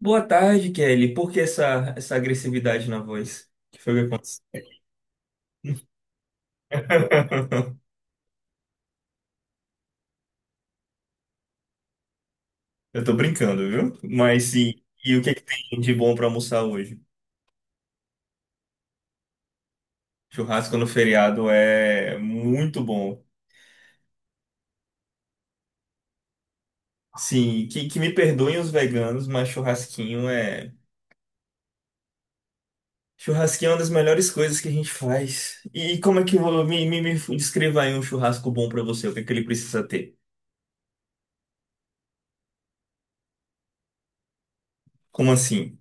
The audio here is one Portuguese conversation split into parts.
Boa tarde, Kelly. Por que essa agressividade na voz? O que foi que aconteceu? Eu tô brincando, viu? Mas sim. E o que é que tem de bom pra almoçar hoje? Churrasco no feriado é muito bom. Sim, que me perdoem os veganos, mas churrasquinho é. Churrasquinho é uma das melhores coisas que a gente faz. E como é que eu vou. Me descreva aí um churrasco bom pra você, o que é que ele precisa ter? Como assim?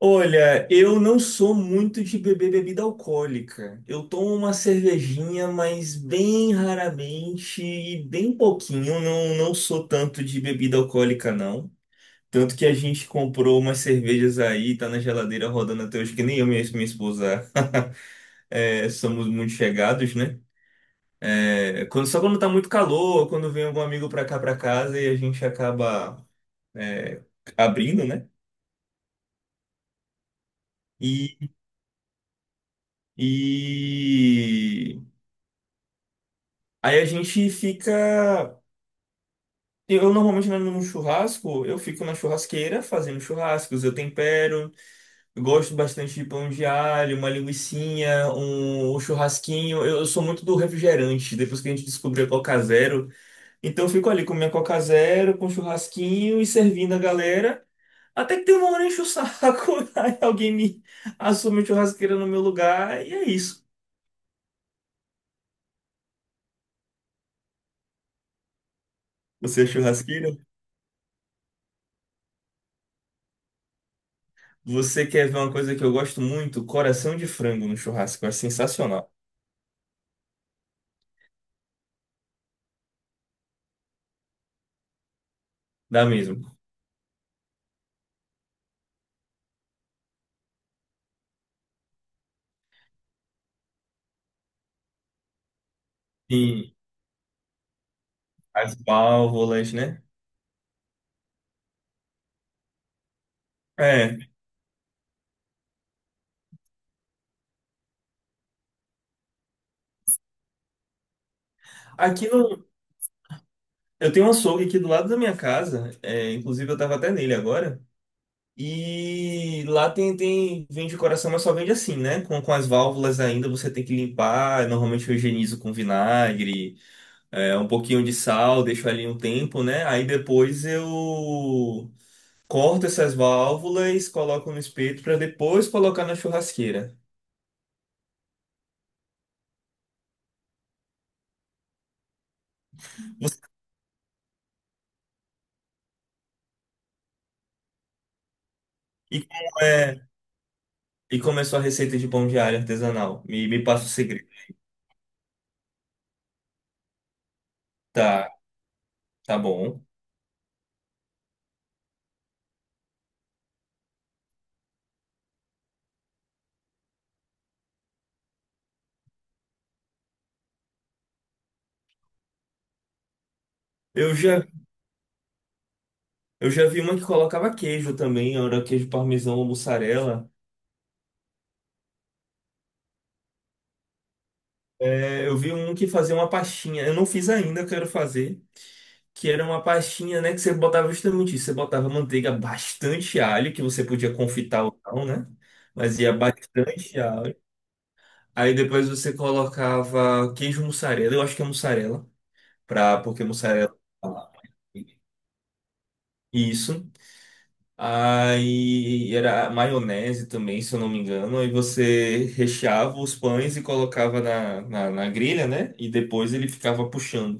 Olha, eu não sou muito de beber bebida alcoólica. Eu tomo uma cervejinha, mas bem raramente e bem pouquinho. Não, não sou tanto de bebida alcoólica, não. Tanto que a gente comprou umas cervejas aí, tá na geladeira rodando até hoje, que nem eu e minha esposa é, somos muito chegados, né? É, só quando tá muito calor, quando vem algum amigo pra cá, pra casa, e a gente acaba é, abrindo, né? E, e Aí a gente fica. Eu normalmente né, no churrasco, eu fico na churrasqueira fazendo churrascos, eu tempero, eu gosto bastante de pão de alho, uma linguicinha, um churrasquinho. Eu sou muito do refrigerante, depois que a gente descobriu a Coca Zero. Então eu fico ali com minha Coca Zero, com um churrasquinho e servindo a galera. Até que tem uma hora enche o saco, aí alguém me assume a churrasqueira no meu lugar, e é isso. Você é churrasqueira? Você quer ver uma coisa que eu gosto muito? Coração de frango no churrasco. É sensacional. Dá mesmo. Sim, as válvulas, né? É. Aqui no. Eu tenho um açougue aqui do lado da minha casa. É, inclusive, eu tava até nele agora. E lá tem, tem. Vende coração, mas só vende assim, né? Com as válvulas ainda, você tem que limpar. Normalmente eu higienizo com vinagre, é, um pouquinho de sal, deixo ali um tempo, né? Aí depois eu. Corta essas válvulas, coloca no espeto para depois colocar na churrasqueira. Você- E como é, e como é sua receita de pão de alho artesanal? Me passa o segredo. Tá, tá bom. Eu já, eu já vi uma que colocava queijo também, era queijo parmesão ou mussarela. É, eu vi um que fazia uma pastinha, eu não fiz ainda, eu quero fazer, que era uma pastinha, né, que você botava justamente isso, você botava manteiga, bastante alho, que você podia confitar ou não, né? Mas ia bastante alho. Aí depois você colocava queijo mussarela, eu acho que é mussarela, pra, porque mussarela. Isso. Aí era maionese também, se eu não me engano. Aí você recheava os pães e colocava na, na grelha, né? E depois ele ficava puxando.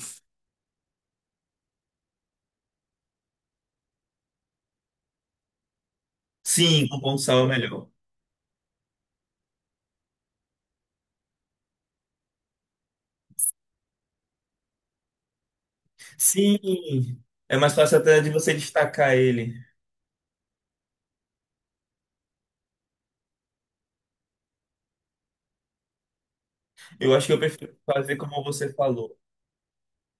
Sim, com pão de sal é melhor. Sim, é mais fácil até de você destacar ele. Eu acho que eu prefiro fazer como você falou.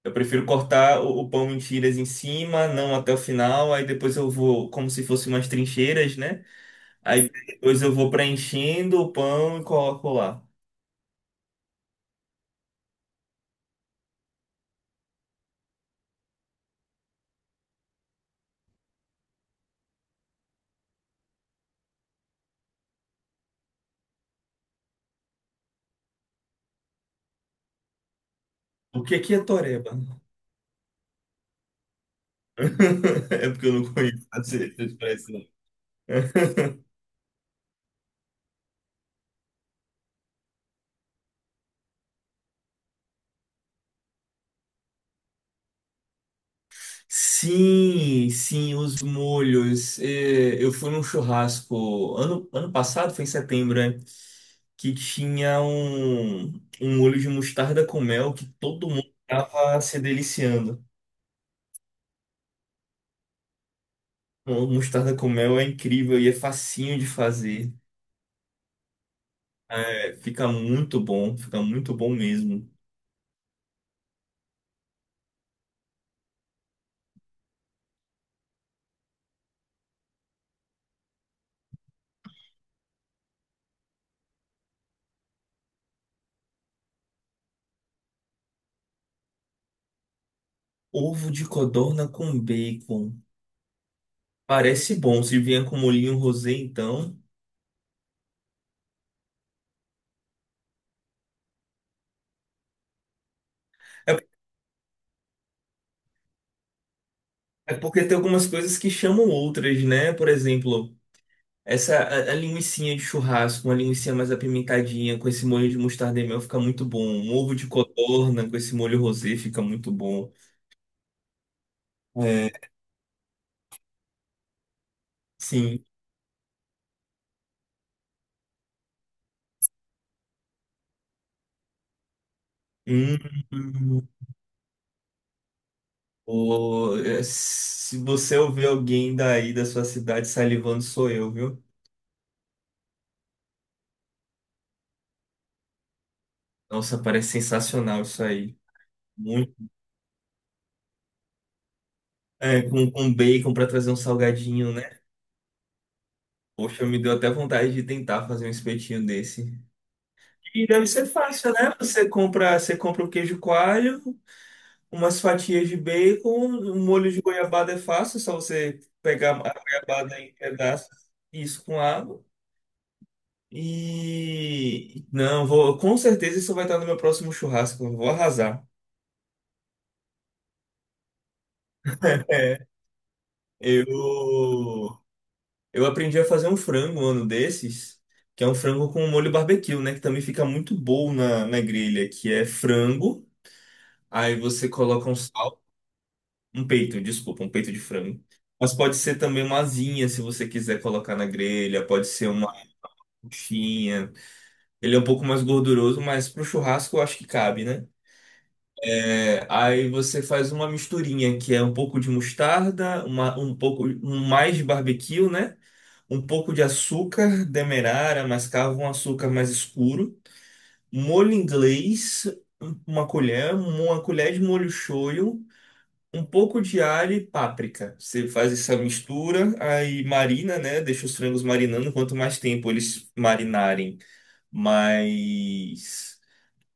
Eu prefiro cortar o pão em tiras em cima, não até o final, aí depois eu vou, como se fosse umas trincheiras, né? Aí depois eu vou preenchendo o pão e coloco lá. O que que é toreba? É porque eu não conheço essa expressão. Sim, sim, os molhos. É, eu fui num churrasco ano passado, foi em setembro, né? Que tinha um, um molho de mostarda com mel que todo mundo tava se deliciando. Mostarda com mel é incrível e é facinho de fazer. É, fica muito bom mesmo. Ovo de codorna com bacon. Parece bom, se vier com molhinho rosé, então. É, é porque tem algumas coisas que chamam outras, né? Por exemplo, essa a linguicinha de churrasco, uma linguiça mais apimentadinha, com esse molho de mostarda e mel fica muito bom. Um ovo de codorna com esse molho rosé fica muito bom. É, sim. Hum. Ô, é, se você ouvir alguém daí da sua cidade salivando, sou eu, viu? Nossa, parece sensacional isso aí. Muito. É, com bacon pra trazer um salgadinho, né? Poxa, me deu até vontade de tentar fazer um espetinho desse. E deve ser fácil, né? Você compra o queijo coalho, umas fatias de bacon, um molho de goiabada é fácil, é só você pegar a goiabada em pedaços, e isso com água. E não, vou, com certeza isso vai estar no meu próximo churrasco. Eu vou arrasar. É, eu eu aprendi a fazer um frango um ano desses, que é um frango com molho barbecue, né, que também fica muito bom na, na grelha, que é frango, aí você coloca um sal, um peito, desculpa, um peito de frango. Mas pode ser também uma asinha, se você quiser colocar na grelha, pode ser uma coxinha. Ele é um pouco mais gorduroso, mas pro churrasco eu acho que cabe, né? É, aí você faz uma misturinha que é um pouco de mostarda, um pouco mais de barbecue, né? Um pouco de açúcar demerara, mascavo, um açúcar mais escuro, molho inglês, uma colher de molho shoyu, um pouco de alho e páprica. Você faz essa mistura, aí marina, né? Deixa os frangos marinando. Quanto mais tempo eles marinarem, mais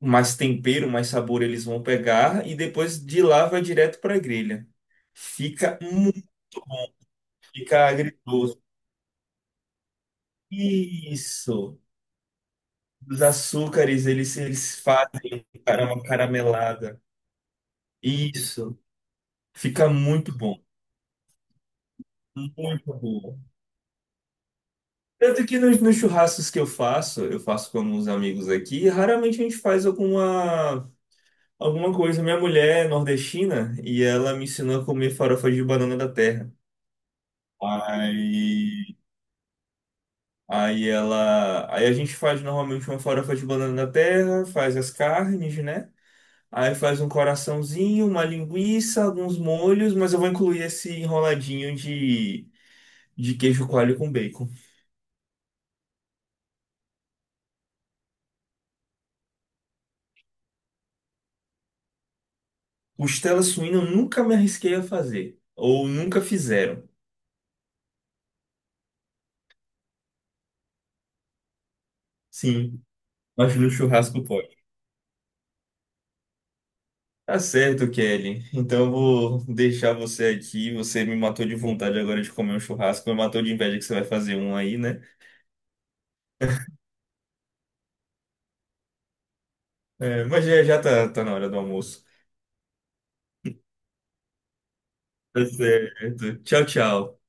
mais tempero, mais sabor eles vão pegar e depois de lá vai direto para a grelha. Fica muito bom, fica agridoce. Isso. Os açúcares, eles fazem uma caramelada. Isso. Fica muito bom. Muito bom. Tanto que nos, nos churrascos que eu faço com alguns amigos aqui, raramente a gente faz alguma coisa. Minha mulher é nordestina e ela me ensinou a comer farofa de banana da terra. Ai. Aí ela. Aí a gente faz normalmente uma farofa de banana da terra, faz as carnes, né? Aí faz um coraçãozinho, uma linguiça, alguns molhos, mas eu vou incluir esse enroladinho de queijo coalho com bacon. Costela suína eu nunca me arrisquei a fazer. Ou nunca fizeram. Sim, mas no churrasco pode. Tá certo, Kelly. Então eu vou deixar você aqui. Você me matou de vontade agora de comer um churrasco. Me matou de inveja que você vai fazer um aí, né? É, mas já, já tá, tá na hora do almoço. Tá certo. Tchau, tchau.